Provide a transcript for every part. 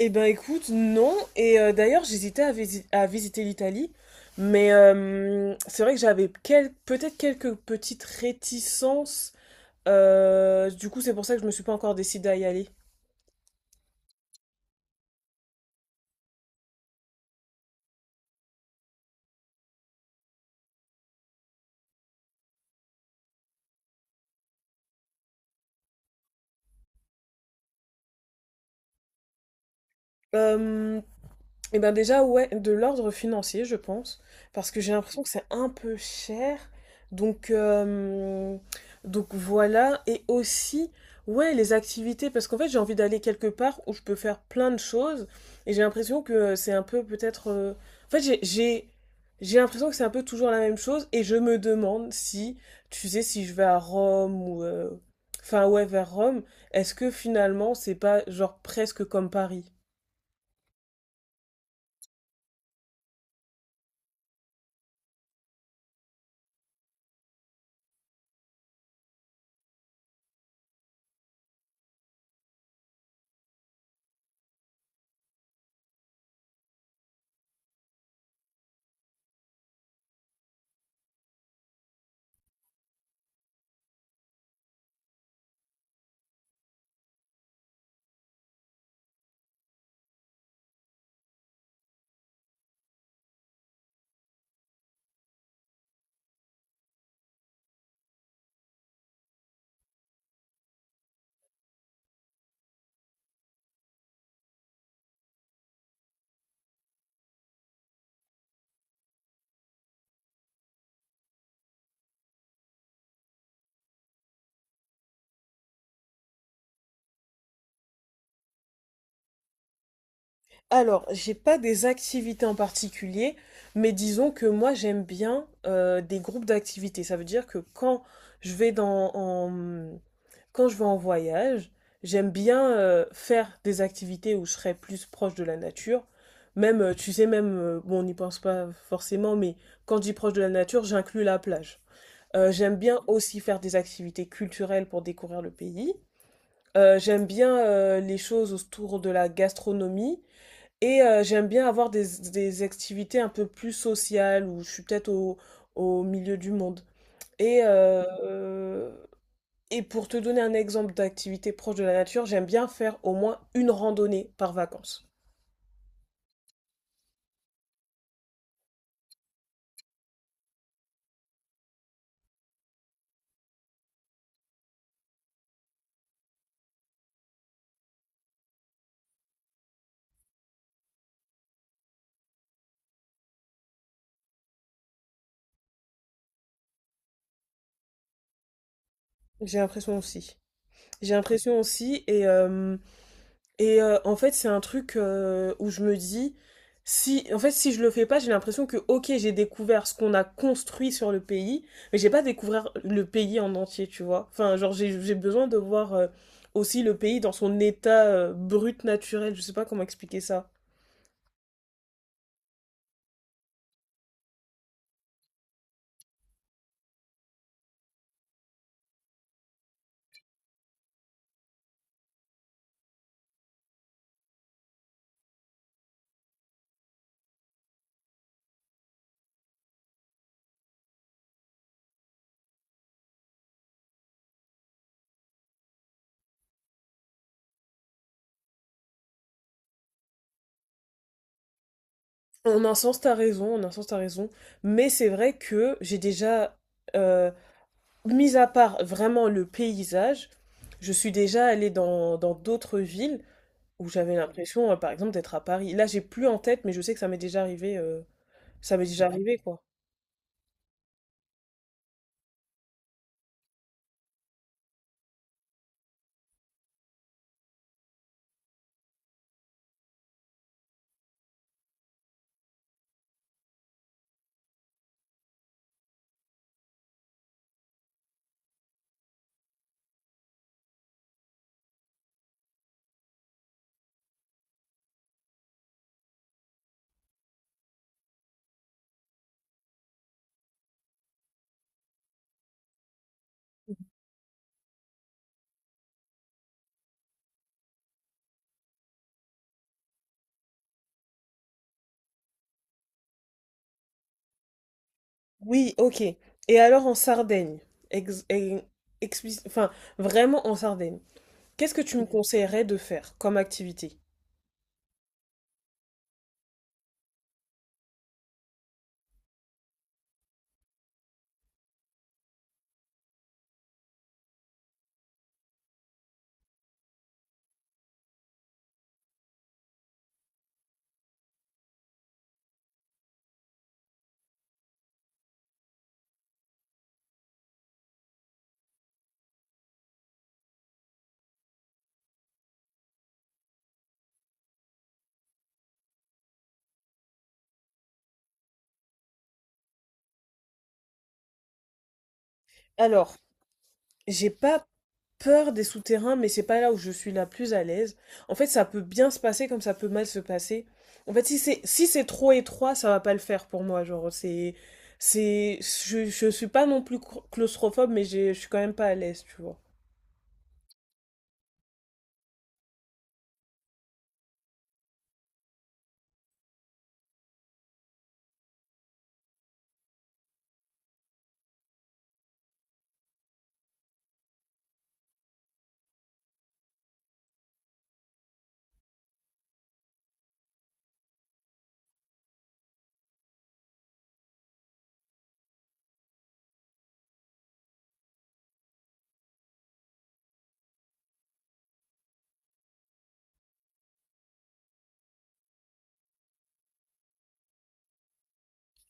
Eh ben écoute, non. D'ailleurs, j'hésitais à visiter l'Italie, mais c'est vrai que j'avais peut-être quelques petites réticences. Du coup, c'est pour ça que je me suis pas encore décidée à y aller. Euh, Et ben déjà, ouais, de l'ordre financier, je pense, parce que j'ai l'impression que c'est un peu cher. Donc, euh, donc voilà. Et aussi, ouais, les activités, parce qu'en fait, j'ai envie d'aller quelque part où je peux faire plein de choses. Et j'ai l'impression que c'est un peu peut-être... En fait, j'ai l'impression que c'est un peu toujours la même chose. Et je me demande si, tu sais, si je vais à Rome ou... Enfin, ouais, vers Rome, est-ce que finalement, c'est pas genre presque comme Paris? Alors, j'ai pas des activités en particulier, mais disons que moi j'aime bien des groupes d'activités. Ça veut dire que quand je vais dans, en- quand je vais en voyage, j'aime bien faire des activités où je serai plus proche de la nature. Même, tu sais, même, bon, on n'y pense pas forcément, mais quand je dis proche de la nature, j'inclus la plage. J'aime bien aussi faire des activités culturelles pour découvrir le pays. J'aime bien les choses autour de la gastronomie. J'aime bien avoir des activités un peu plus sociales où je suis peut-être au milieu du monde. Et, euh, euh, et pour te donner un exemple d'activité proche de la nature, j'aime bien faire au moins une randonnée par vacances. J'ai l'impression aussi. J'ai l'impression aussi, et en fait, c'est un truc où je me dis, si, en fait, si je le fais pas, j'ai l'impression que, ok, j'ai découvert ce qu'on a construit sur le pays, mais j'ai pas découvert le pays en entier, tu vois. Enfin, genre, j'ai besoin de voir aussi le pays dans son état brut naturel, je sais pas comment expliquer ça. En un sens, t'as raison, en un sens, t'as raison, mais c'est vrai que j'ai déjà. Euh, Mis à part vraiment le paysage, je suis déjà allée dans d'autres villes où j'avais l'impression, par exemple, d'être à Paris. Là, j'ai plus en tête, mais je sais que ça m'est déjà arrivé, ça m'est déjà Ouais. arrivé, quoi. Oui, ok. Et alors en Sardaigne, ex e explic enfin, vraiment en Sardaigne, qu'est-ce que tu me Mmh. conseillerais de faire comme activité? Alors, j'ai pas peur des souterrains, mais c'est pas là où je suis la plus à l'aise. En fait, ça peut bien se passer comme ça peut mal se passer. En fait, si c'est trop étroit, ça va pas le faire pour moi. Genre, c'est je suis pas non plus claustrophobe, mais je suis quand même pas à l'aise, tu vois.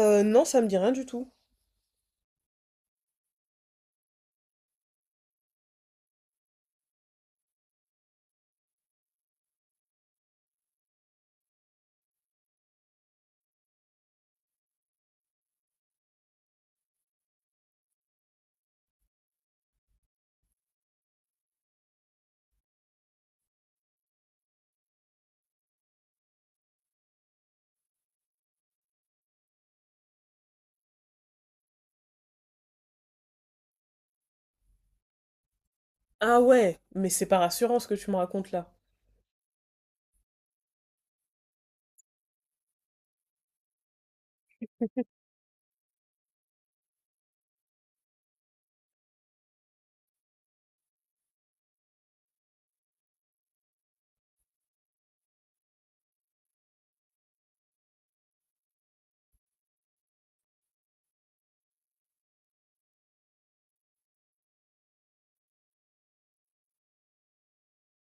Non, ça me dit rien du tout. Ah ouais, mais c'est pas rassurant ce que tu me racontes là.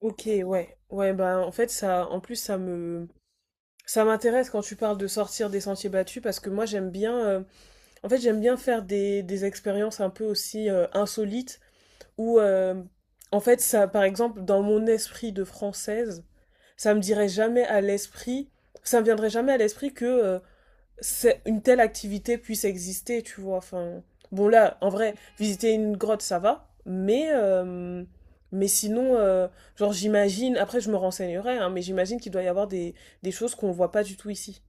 Ok, ouais, ouais, bah en fait en plus ça me, ça m'intéresse quand tu parles de sortir des sentiers battus parce que moi j'aime bien, en fait j'aime bien faire des expériences un peu aussi insolites où, euh, en fait, ça, par exemple, dans mon esprit de française, ça me dirait jamais à l'esprit, ça me viendrait jamais à l'esprit que une telle activité puisse exister, tu vois. Enfin, bon là, en vrai, visiter une grotte, ça va, mais sinon, genre j'imagine, après je me renseignerai, hein, mais j'imagine qu'il doit y avoir des choses qu'on voit pas du tout ici.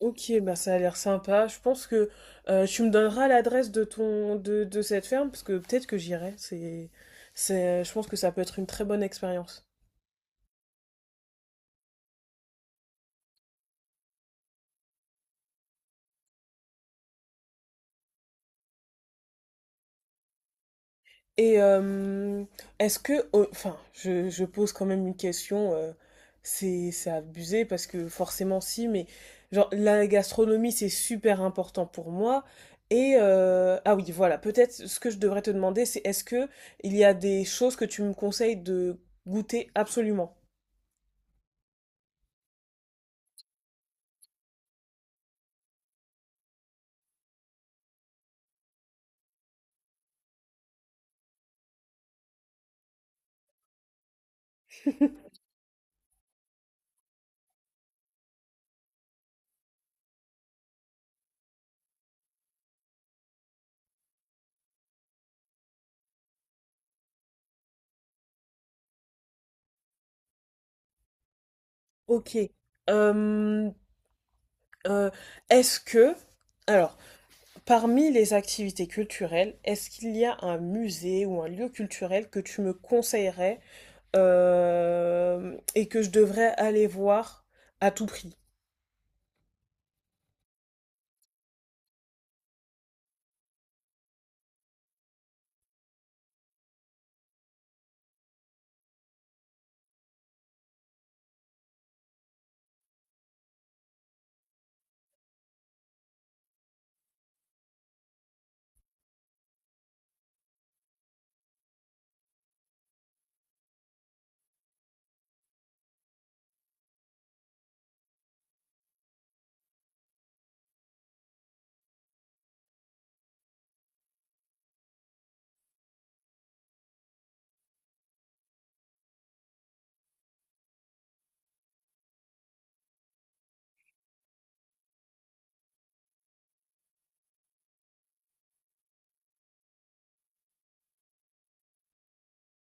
Ok, bah ça a l'air sympa. Je pense que tu me donneras l'adresse de de cette ferme parce que peut-être que j'irai. C'est Je pense que ça peut être une très bonne expérience. Et euh, Est-ce que oh, enfin je pose quand même une question. C'est abusé parce que forcément si, mais genre la gastronomie c'est super important pour moi. Et ah oui voilà peut-être ce que je devrais te demander c'est est-ce que il y a des choses que tu me conseilles de goûter absolument? Ok. Euh, euh, Est-ce que, alors, parmi les activités culturelles, est-ce qu'il y a un musée ou un lieu culturel que tu me conseillerais et que je devrais aller voir à tout prix?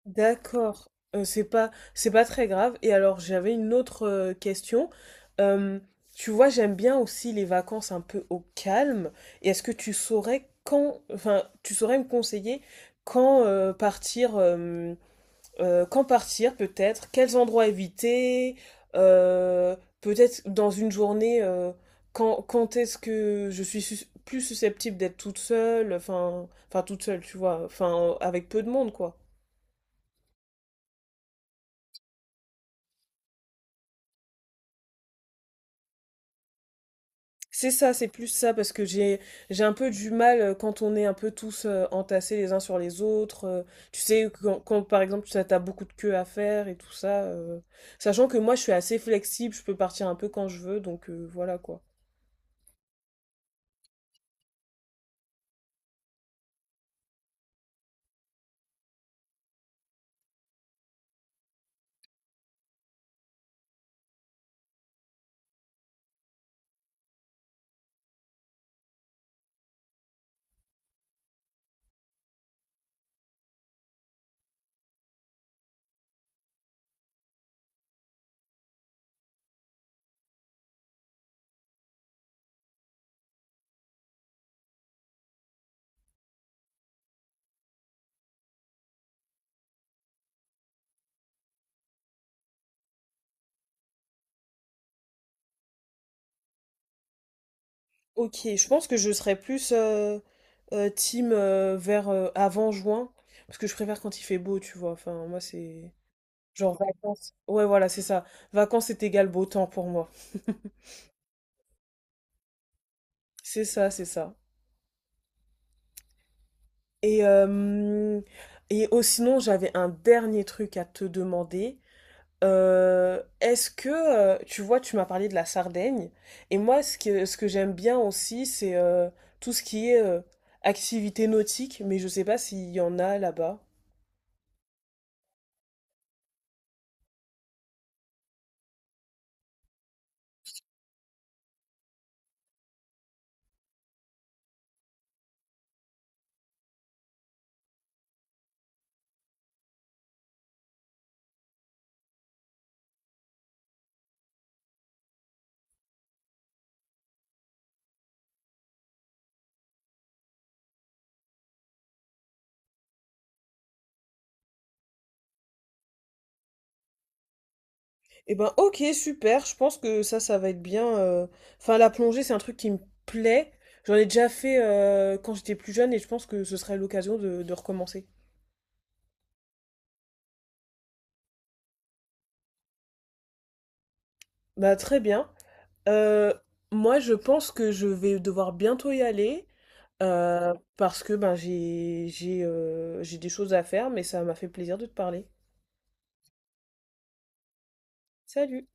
D'accord. C'est pas très grave. Et alors j'avais une autre question. Euh, tu vois, j'aime bien aussi les vacances un peu au calme. Et est-ce que tu saurais quand, enfin, tu saurais me conseiller quand partir peut-être, quels endroits éviter, euh, peut-être dans une journée, quand est-ce que je suis plus susceptible d'être toute seule, enfin, enfin toute seule, tu vois, enfin avec peu de monde quoi. C'est ça, c'est plus ça, parce que j'ai un peu du mal quand on est un peu tous entassés les uns sur les autres. Tu sais, quand, par exemple, ça t'as beaucoup de queues à faire et tout ça. Sachant que moi, je suis assez flexible, je peux partir un peu quand je veux, donc voilà quoi. Ok, je pense que je serais plus team vers avant juin, parce que je préfère quand il fait beau, tu vois. Enfin, moi, c'est genre vacances. Ouais, voilà, c'est ça. Vacances, c'est égal beau temps pour moi. C'est ça, c'est ça. Et, oh, sinon, j'avais un dernier truc à te demander. Est-ce que, tu vois, tu m'as parlé de la Sardaigne, et moi, ce que j'aime bien aussi, c'est tout ce qui est activité nautique, mais je sais pas s'il y en a là-bas. Eh ben, ok, super. Je pense que ça va être bien. Enfin, la plongée, c'est un truc qui me plaît. J'en ai déjà fait quand j'étais plus jeune et je pense que ce serait l'occasion de recommencer. Bah, très bien. Euh, moi, je pense que je vais devoir bientôt y aller parce que ben, j'ai des choses à faire, mais ça m'a fait plaisir de te parler. Salut!